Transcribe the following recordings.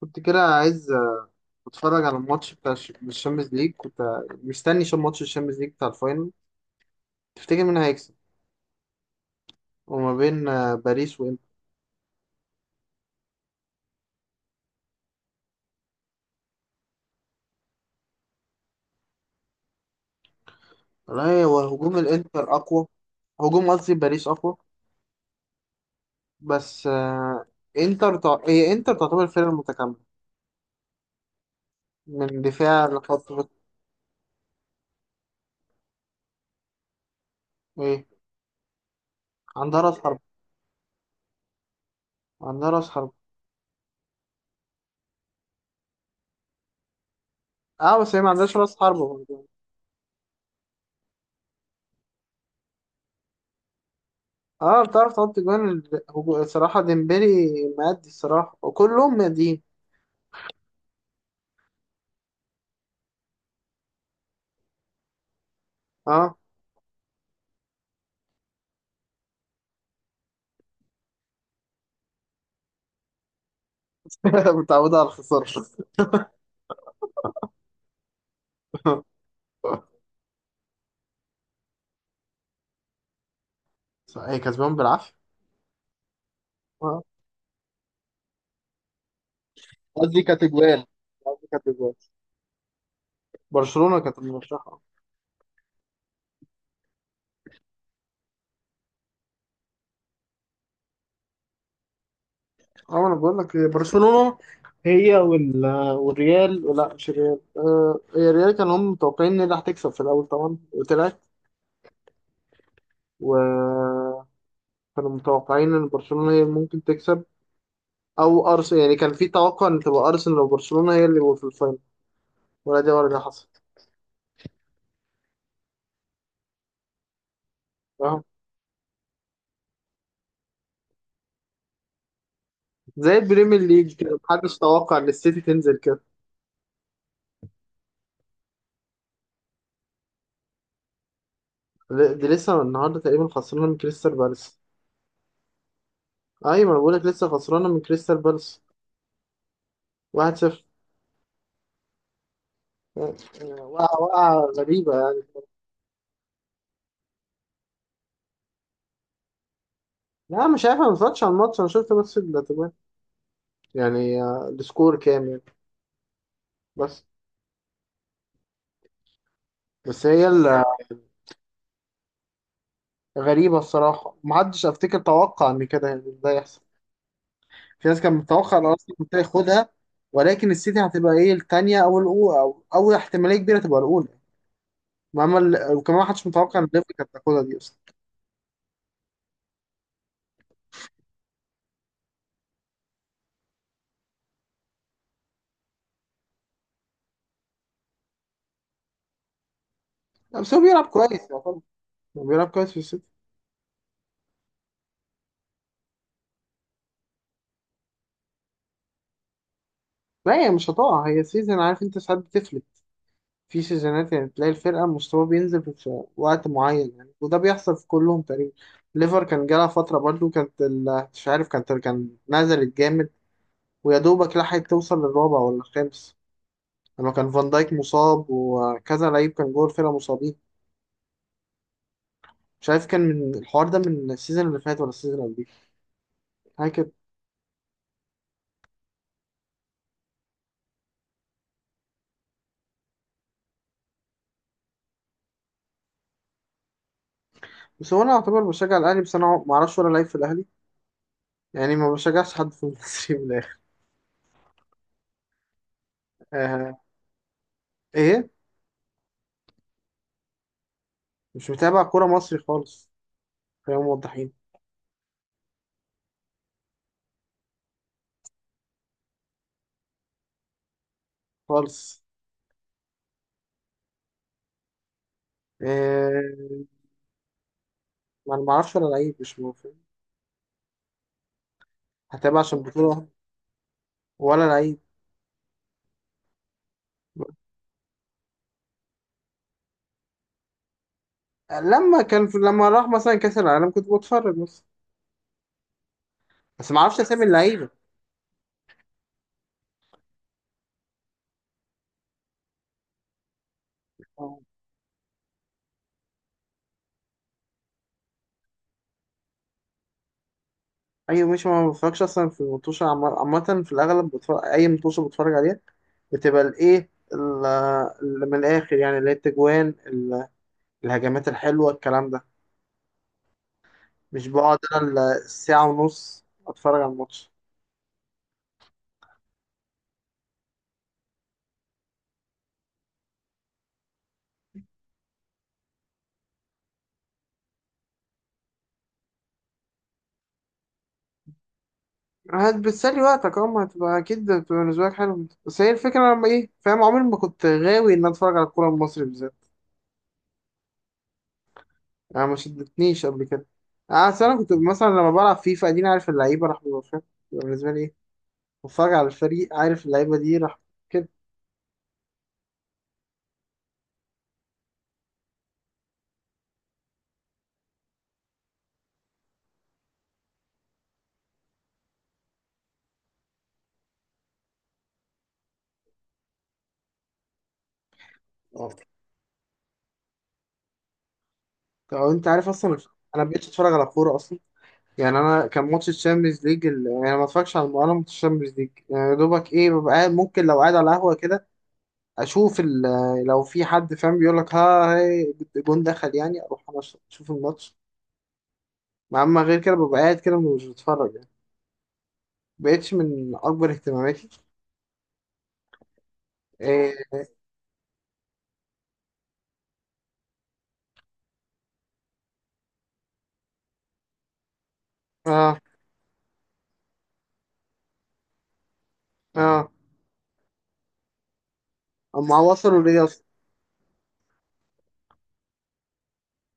كنت كده عايز اتفرج على الماتش بتاع الشامبيونز ليج. كنت مستني شو ماتش الشامبيونز ليج بتاع الفاينل. تفتكر مين هيكسب؟ وما بين باريس وانتر. لا، هو هجوم الانتر اقوى. قصدي باريس اقوى. بس هي انتر تعتبر فرقة متكاملة من دفاع لخط وسط. ايه، عندها راس حرب، عندها راس حرب. اه، بس هي ما عندهاش راس حرب. اه، بتعرف تحط جوان، الصراحة ديمبلي مادي، الصراحة وكلهم ماديين. اه. متعودة على الخسارة. هي كسبان بالعافيه. آه. قصدي كانت اجوال. قصدي كانت اجوال برشلونه كانت المرشحه. اه، انا بقول لك برشلونه هي والريال. لا، مش الريال، هي الريال كانوا هم متوقعين ان هي اللي هتكسب في الاول طبعا، وطلعت. وكانوا متوقعين ان برشلونه هي اللي ممكن تكسب، او ارسنال. يعني كان في توقع ان تبقى ارسنال وبرشلونه هي اللي في الفاينل، ولا دي ولا دي حصلت. فاهم؟ زي البريمير ليج كده محدش توقع ان السيتي تنزل كده. دي لسه النهارده تقريبا خسرنا من كريستال بالاس. ايوه، ما انا بقولك لسه خسرانه من كريستال بالاس 1-0. وقعه وقعه غريبه يعني. لا، مش عارف، انا ما اتفرجتش على الماتش. انا شفت بس التجوان. يعني السكور كام يعني. بس بس هي الغريبه الصراحه. ما حدش افتكر، توقع ان كده يعني ده يحصل. في ناس كانت متوقعه ان ارسنال كنت هياخدها، ولكن السيتي هتبقى ايه الثانيه او الاولى، او اول احتماليه كبيره تبقى الاولى. ما عمل. وكمان ما حدش متوقع ان ليفربول كانت تاخدها دي اصلا. لا، بس هو بيلعب كويس يعتبر. هو بيلعب كويس في السيتي. لا، هي مش هتقع. هي سيزون، عارف انت ساعات بتفلت. في سيزونات يعني تلاقي الفرقة مستوى بينزل في وقت معين يعني، وده بيحصل في كلهم تقريبا. ليفر كان جالها فترة برضو، كانت مش عارف، كان نزلت جامد. ويا دوبك لحقت توصل للرابع ولا الخامس، لما كان فان دايك مصاب وكذا لعيب كان جوه الفرقة مصابين. مش عارف كان من الحوار ده، من السيزون اللي فات ولا السيزون اللي قبليه، حاجة كده. بس هو انا اعتبر بشجع الاهلي، بس انا ما اعرفش ولا لعيب في الاهلي. يعني ما بشجعش حد في المصري من الاخر. آه. ايه؟ مش متابع كورة مصري خالص. خلينا موضحين. خالص. آه، ما انا ما اعرفش ولا لعيب، مش موافق هتابع عشان بطولة واحدة. ولا لعيب. لما كان في لما راح مثلا كأس العالم كنت بتفرج بس. بس ما اعرفش اسامي اللعيبة. آه. ايوه ماشي، ما بتفرجش اصلا. في المطوشة عامة في الاغلب بتفرج، اي مطوشة بتفرج عليها. بتبقى الايه اللي من الاخر يعني، اللي هي التجوان الهجمات الحلوة الكلام ده. مش بقعد انا الساعة ونص اتفرج على الماتش. هتبتسلي وقتك، اه. ما هتبقى اكيد هتبقى بالنسبه لك حلو، بس هي الفكره لما ايه، فاهم؟ عمري ما كنت غاوي ان أنا اتفرج على الكوره المصري بالذات. يعني ما شدتنيش قبل كده. أصل انا كنت مثلا لما بلعب فيفا، اديني عارف اللعيبه راح، ببقى فاهم. بيبقى بالنسبه لي ايه، بتفرج على الفريق عارف اللعيبه دي راح كده. او انت عارف اصلا انا بقيتش اتفرج على كوره اصلا. يعني انا كان ماتش الشامبيونز ليج يعني ما اتفرجش على انا ماتش الشامبيونز ليج يعني. يا دوبك ايه، ببقى قاعد ممكن لو قاعد على قهوه كده اشوف لو في حد فاهم بيقول لك ها هي، جون دخل، يعني اروح انا اشوف الماتش. مع اما غير كده، ببقى قاعد كده مش بتفرج يعني. مبقتش من اكبر اهتماماتي. إيه؟ اه. اه. اما وصلوا ليه اصلا؟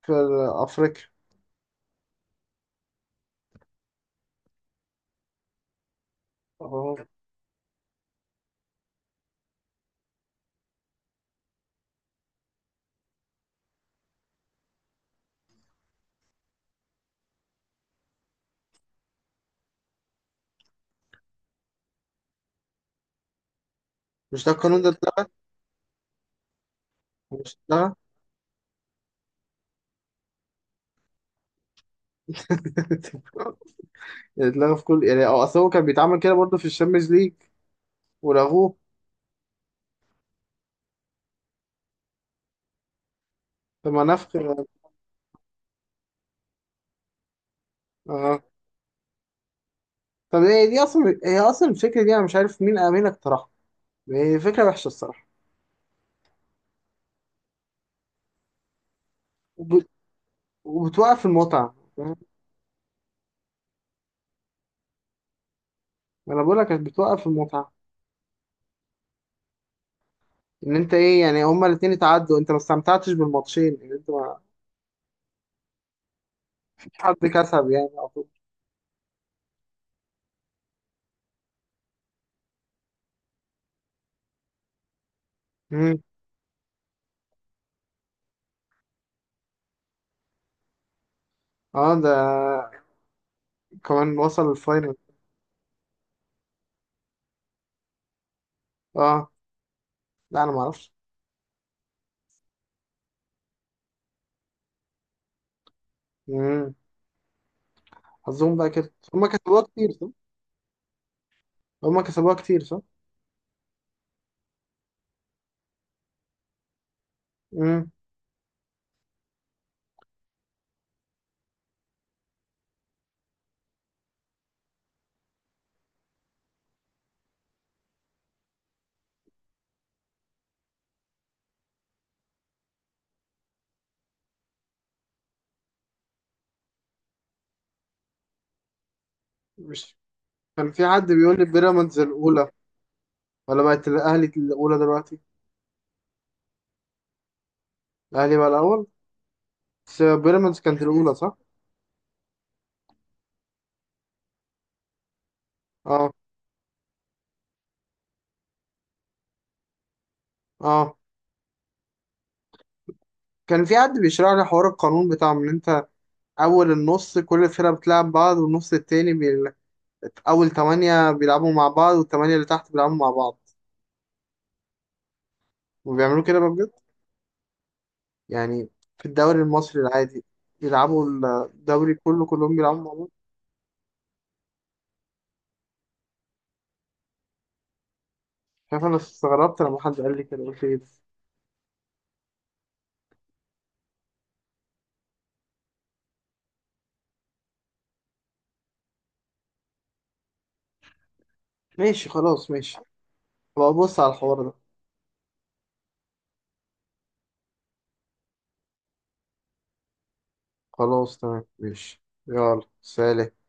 في افريقيا. اه. مش ده القانون ده اتلغى؟ مش اتلغى. اتلغى في كل، يعني اه، اصل هو كان بيتعمل كده برضه في الشامبيونز ليج ولغوه. طب ما نفخ، اه. آه. طب هي دي اصلا، هي اصلا الفكره دي انا مش عارف مين مين اقترحها. هي فكره وحشه الصراحه، وبتوقف المتعة، فاهم؟ ما انا بقول لك بتوقف المتعة. ان انت ايه يعني، هما الاتنين اتعدوا، انت ما استمتعتش بالماتشين ان انت ما مش حد كسب يعني على طول. مم. اه، ده كمان وصل الفاينل. اه. لا، انا ما اعرفش. مم. حظهم بقى كده، هما كسبوها كتير صح. هما كسبوها كتير صح. مم. مش، كان في حد بيقول لي بيراميدز الاولى، ولا بقت الاهلي الاولى دلوقتي؟ الاهلي بقى الاول. بس بيراميدز كانت الاولى صح؟ اه. اه. كان في حد بيشرح لي حوار القانون بتاع ان انت، أول النص كل فرقة بتلعب بعض، والنص التاني أول تمانية بيلعبوا مع بعض، والتمانية اللي تحت بيلعبوا مع بعض، وبيعملوا كده بقى بجد يعني في الدوري المصري العادي، بيلعبوا الدوري كله كلهم بيلعبوا مع بعض. شايف أنا استغربت لما حد قال لي كده قلت إيه ده. ماشي خلاص، ماشي. بقى بص على الحوار ده. خلاص تمام ماشي، يلا سلام.